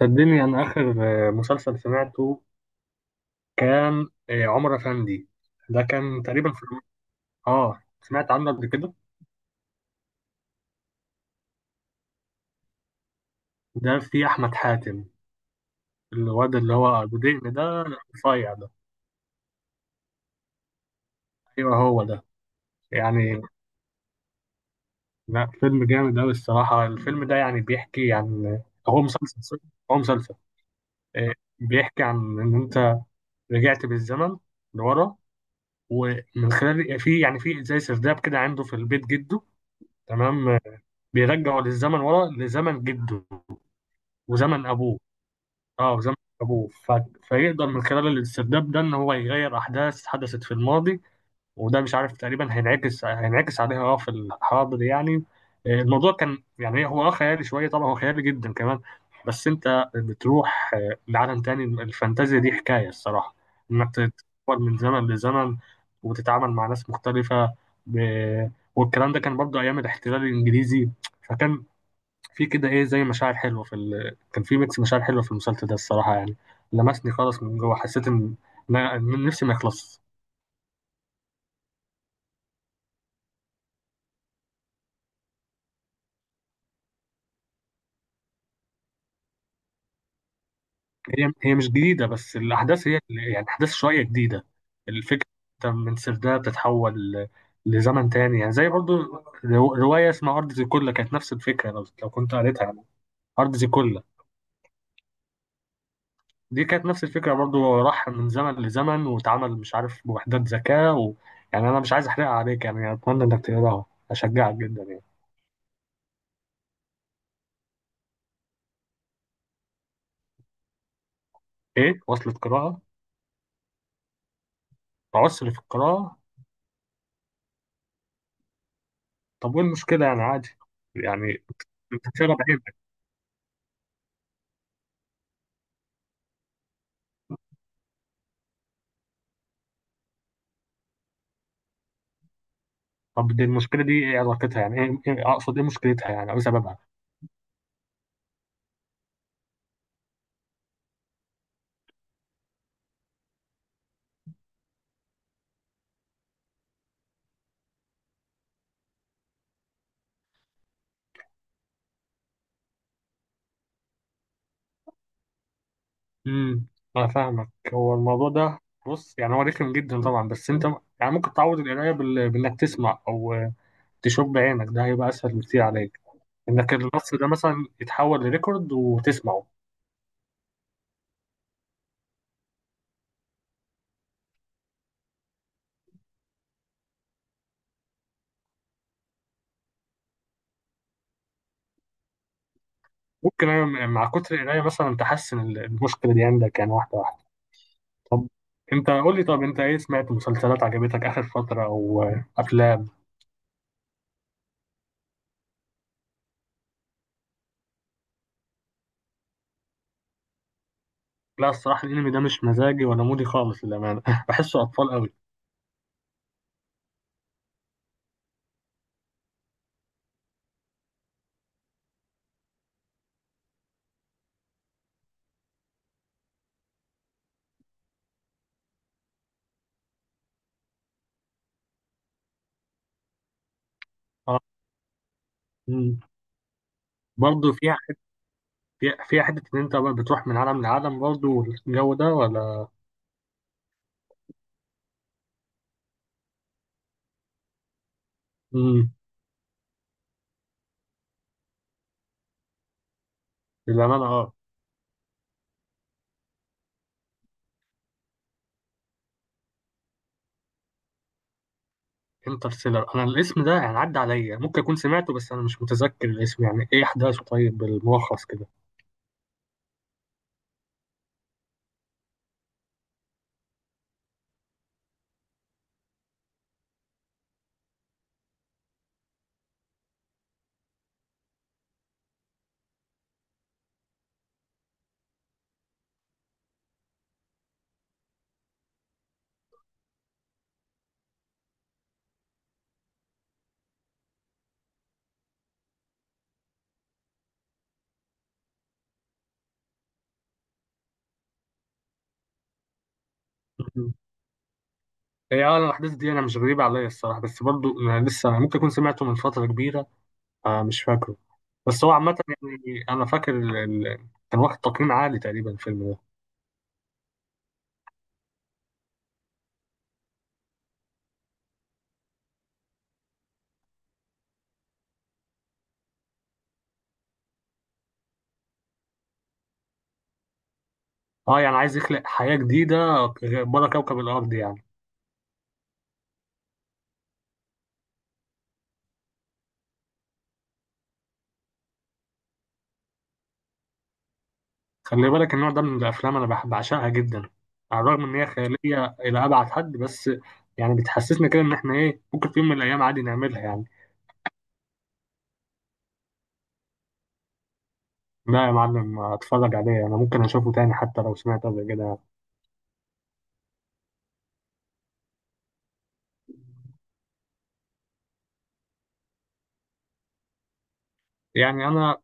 صدقني أنا آخر مسلسل سمعته كان، عمر أفندي. ده كان تقريبا في. آه، سمعت عنه قبل كده. ده في أحمد حاتم، الواد اللي هو أبو دقن ده، رفيع ده. أيوه هو ده. يعني لا، فيلم جامد أوي الصراحة. الفيلم ده يعني بيحكي عن. هو مسلسل سوري. هو مسلسل، آه، بيحكي عن إن أنت رجعت بالزمن لورا، ومن خلال في زي سرداب كده عنده في البيت جده. تمام، بيرجعه للزمن ورا، لزمن جده وزمن ابوه. اه، وزمن ابوه. فيقدر من خلال الاسترداد ده ان هو يغير احداث حدثت في الماضي. وده مش عارف تقريبا هينعكس عليها اه في الحاضر يعني. الموضوع كان يعني هو اه خيالي شويه، طبعا هو خيالي جدا كمان. بس انت بتروح لعالم تاني. الفانتازيا دي حكايه الصراحه، انك تتحول من زمن لزمن وتتعامل مع ناس مختلفه ب... والكلام ده كان برضه ايام الاحتلال الانجليزي. فكان في كده ايه، زي مشاعر حلوه في كان في ميكس مشاعر حلوه في المسلسل ده الصراحه يعني. لمسني خالص من جوه، حسيت ان إن نفسي ما يخلص. هي مش جديده، بس الاحداث يعني احداث شويه جديده. الفكره، أنت من سرداب لزمن تاني، يعني زي برضو روايه اسمها ارض زيكولا. كانت نفس الفكره، لو كنت قريتها يعني. ارض زيكولا دي كانت نفس الفكره برضو. راح من زمن لزمن، واتعمل مش عارف بوحدات ذكاء و... يعني انا مش عايز احرقها عليك، يعني اتمنى انك تقراها، اشجعك جدا يعني. ايه وصلة قراءة؟ عسر في القراءة؟ طب وايه المشكلة يعني؟ عادي. يعني انت بتقرا بعينك. طب دي المشكلة دي ايه علاقتها يعني ايه، اقصد ايه مشكلتها يعني او إيه سببها؟ امم انا فاهمك. هو الموضوع ده، بص، يعني هو رخم جدا طبعا، بس انت يعني ممكن تعوض القراية بانك تسمع او تشوف بعينك. ده هيبقى اسهل بكتير عليك. انك النص ده مثلا يتحول لريكورد وتسمعه. ممكن انا مع كتر القراية مثلا تحسن المشكلة دي عندك يعني، واحدة واحدة. طب انت قول لي، طب انت ايه سمعت مسلسلات عجبتك اخر فترة، او افلام؟ لا الصراحة، الانمي ده مش مزاجي ولا مودي خالص للأمانة. بحسه اطفال قوي. اه. مم. برضه فيها حتة، فيها حتة ان انت بقى بتروح من عالم لعالم برضه، والجو ده، ولا؟ مم. للأمانة اه. انترستيلر، انا الاسم ده يعني عدى عليا. ممكن اكون سمعته، بس انا مش متذكر الاسم يعني ايه احداثه. طيب بالملخص كده. مم. هي اه الاحداث دي انا مش غريبة عليا الصراحة، بس برضه انا لسه ممكن اكون سمعته من فترة كبيرة. آه مش فاكره. بس هو عامة، يعني أنا فاكر كان واخد تقييم عالي تقريبا الفيلم ده. اه، يعني عايز يخلق حياة جديدة بره كوكب الأرض يعني. خلي بالك، النوع ده من الأفلام أنا بحب أعشقها جدا. على الرغم إن هي خيالية إلى أبعد حد، بس يعني بتحسسنا كده إن إحنا إيه، ممكن في يوم من الأيام عادي نعملها يعني. لا يا معلم، أتفرج عليه. أنا ممكن أشوفه تاني حتى لو سمعت قبل كده. يعني أنا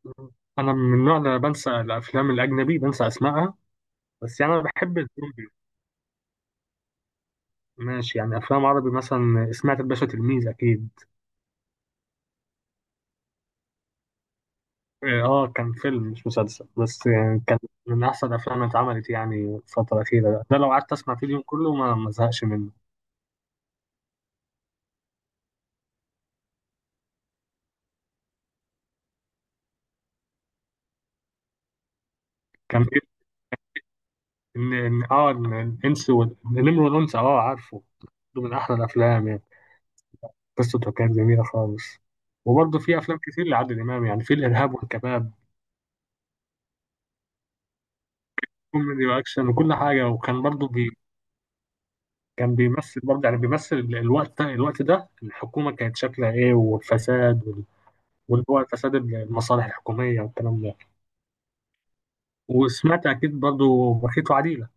أنا من النوع اللي بنسى الأفلام الأجنبي، بنسى أسمائها. بس يعني أنا بحب الزومبي. ماشي، يعني افلام عربي، مثلا سمعت الباشا تلميذ اكيد. اه، كان فيلم مش مسلسل، بس يعني كان من احسن الافلام اللي اتعملت يعني الفتره الاخيره. ده, ده لو قعدت اسمع فيه اليوم كله ما ازهقش منه. كان إيه؟ ان ان اه إن الانس النمر والانثى، اه عارفه. ده من احلى الافلام يعني. قصته كانت جميله خالص. وبرضه في افلام كتير لعادل امام، يعني في الارهاب والكباب. كوميدي واكشن وكل حاجه، وكان برضه كان بيمثل برضه يعني، بيمثل الوقت ده، الوقت ده الحكومه كانت شكلها ايه والفساد، واللي هو فساد المصالح الحكومية والكلام ده. وسمعت أكيد برضو بخيت وعديلة.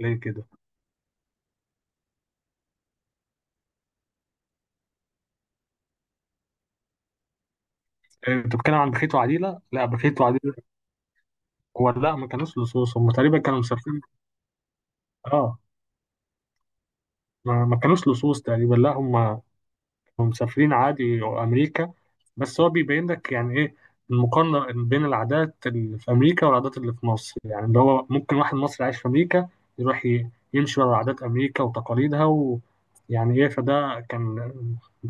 ليه كده؟ أنت بتتكلم عن بخيت وعديلة. لا، بخيت وعديلة هو لا، ما كانوش لصوص، هم تقريبا كانوا مسافرين. اه، ما كانوش لصوص تقريبا. لا، هم مسافرين عادي أمريكا. بس هو بيبين لك يعني إيه المقارنة بين العادات اللي في أمريكا والعادات اللي في مصر، يعني اللي هو ممكن واحد مصري عايش في أمريكا يروح يمشي ورا عادات أمريكا وتقاليدها، ويعني إيه. فده كان،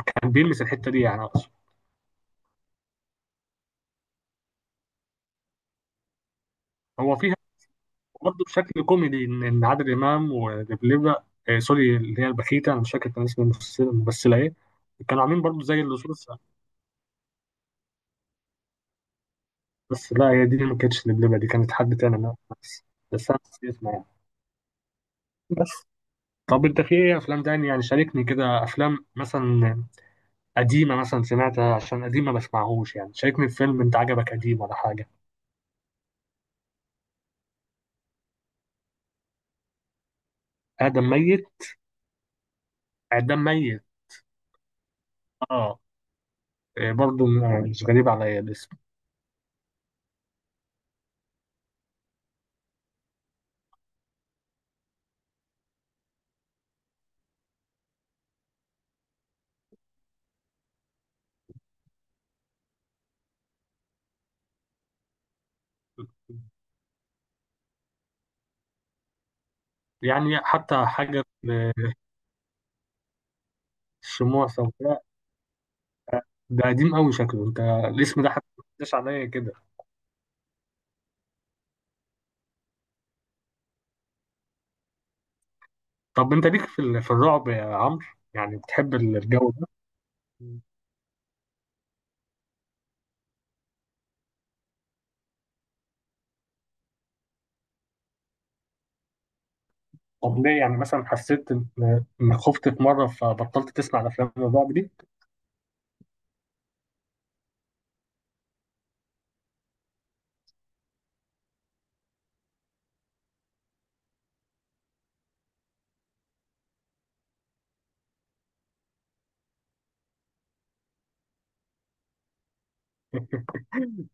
كان بيلمس الحتة دي يعني. هو فيها برضه بشكل كوميدي، ان إن عادل امام ودبليبة، آه سوري اللي هي البخيتة، انا مش فاكر كان اسم الممثلة، الممثلة ايه. كانوا عاملين برضه زي اللصوص. بس لا، هي دي ما كانتش دبليبة، دي كانت حد تاني. أنا بس بس انا نسيت اسمها يعني. بس طب انت في ايه افلام تاني يعني، شاركني كده افلام مثلا قديمة مثلا سمعتها، عشان قديمة ما بسمعهوش. يعني شاركني في فيلم انت عجبك قديم ولا حاجة. ادم ميت؟ ادم ميت؟ اه، برضه مش غريب عليا الاسم. يعني حتى حاجة. الشموع سوداء؟ ده قديم قوي شكله، انت الاسم ده حتى ما عداش عليا كده. طب انت ليك في في الرعب يا عمرو؟ يعني بتحب الجو ده؟ طب ليه يعني، مثلا حسيت انك خفت في مره فبطلت تسمع افلام الرعب دي؟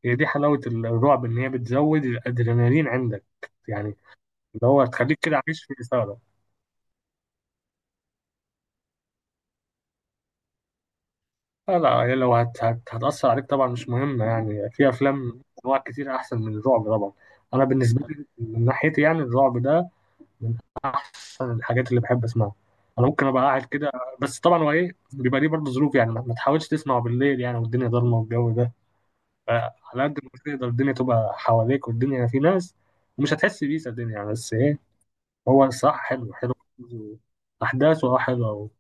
هي دي حلاوه الرعب، ان هي بتزود الادرينالين عندك، يعني اللي هو تخليك كده عايش في اثاره. لا يعني لو هت هت هتاثر عليك طبعا مش مهم، يعني في افلام انواع كتير احسن من الرعب طبعا. انا بالنسبه لي من ناحيتي، يعني الرعب ده من احسن الحاجات اللي بحب اسمعها. انا ممكن ابقى قاعد كده. بس طبعا هو ايه، بيبقى ليه برضه ظروف، يعني ما تحاولش تسمعه بالليل يعني، والدنيا ضلمه والجو ده. فعلى قد ما تقدر الدنيا تبقى حواليك والدنيا في ناس، ومش هتحس بيه صدقني يعني. بس ايه، هو الصراحه حلو حلو. احداثه اه حلوه.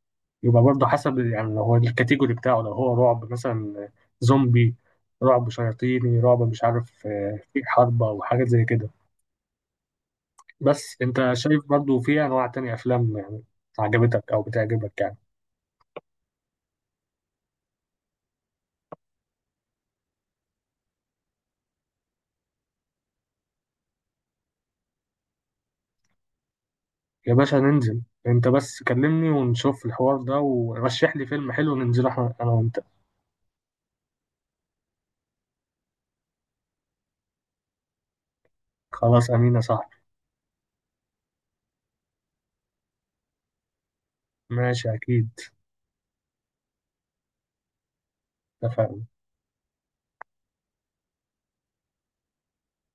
يبقى برضه حسب يعني، لو هو الكاتيجوري بتاعه لو هو رعب مثلا، زومبي، رعب شياطيني، رعب مش عارف، في حرب او حاجات زي كده. بس انت شايف برضو في انواع تانية افلام يعني عجبتك او بتعجبك يعني؟ يا باشا ننزل. انت بس كلمني ونشوف الحوار ده ورشح لي فيلم حلو ننزله احنا انا وانت. خلاص امين يا صاحبي. ماشي اكيد. اتفقنا.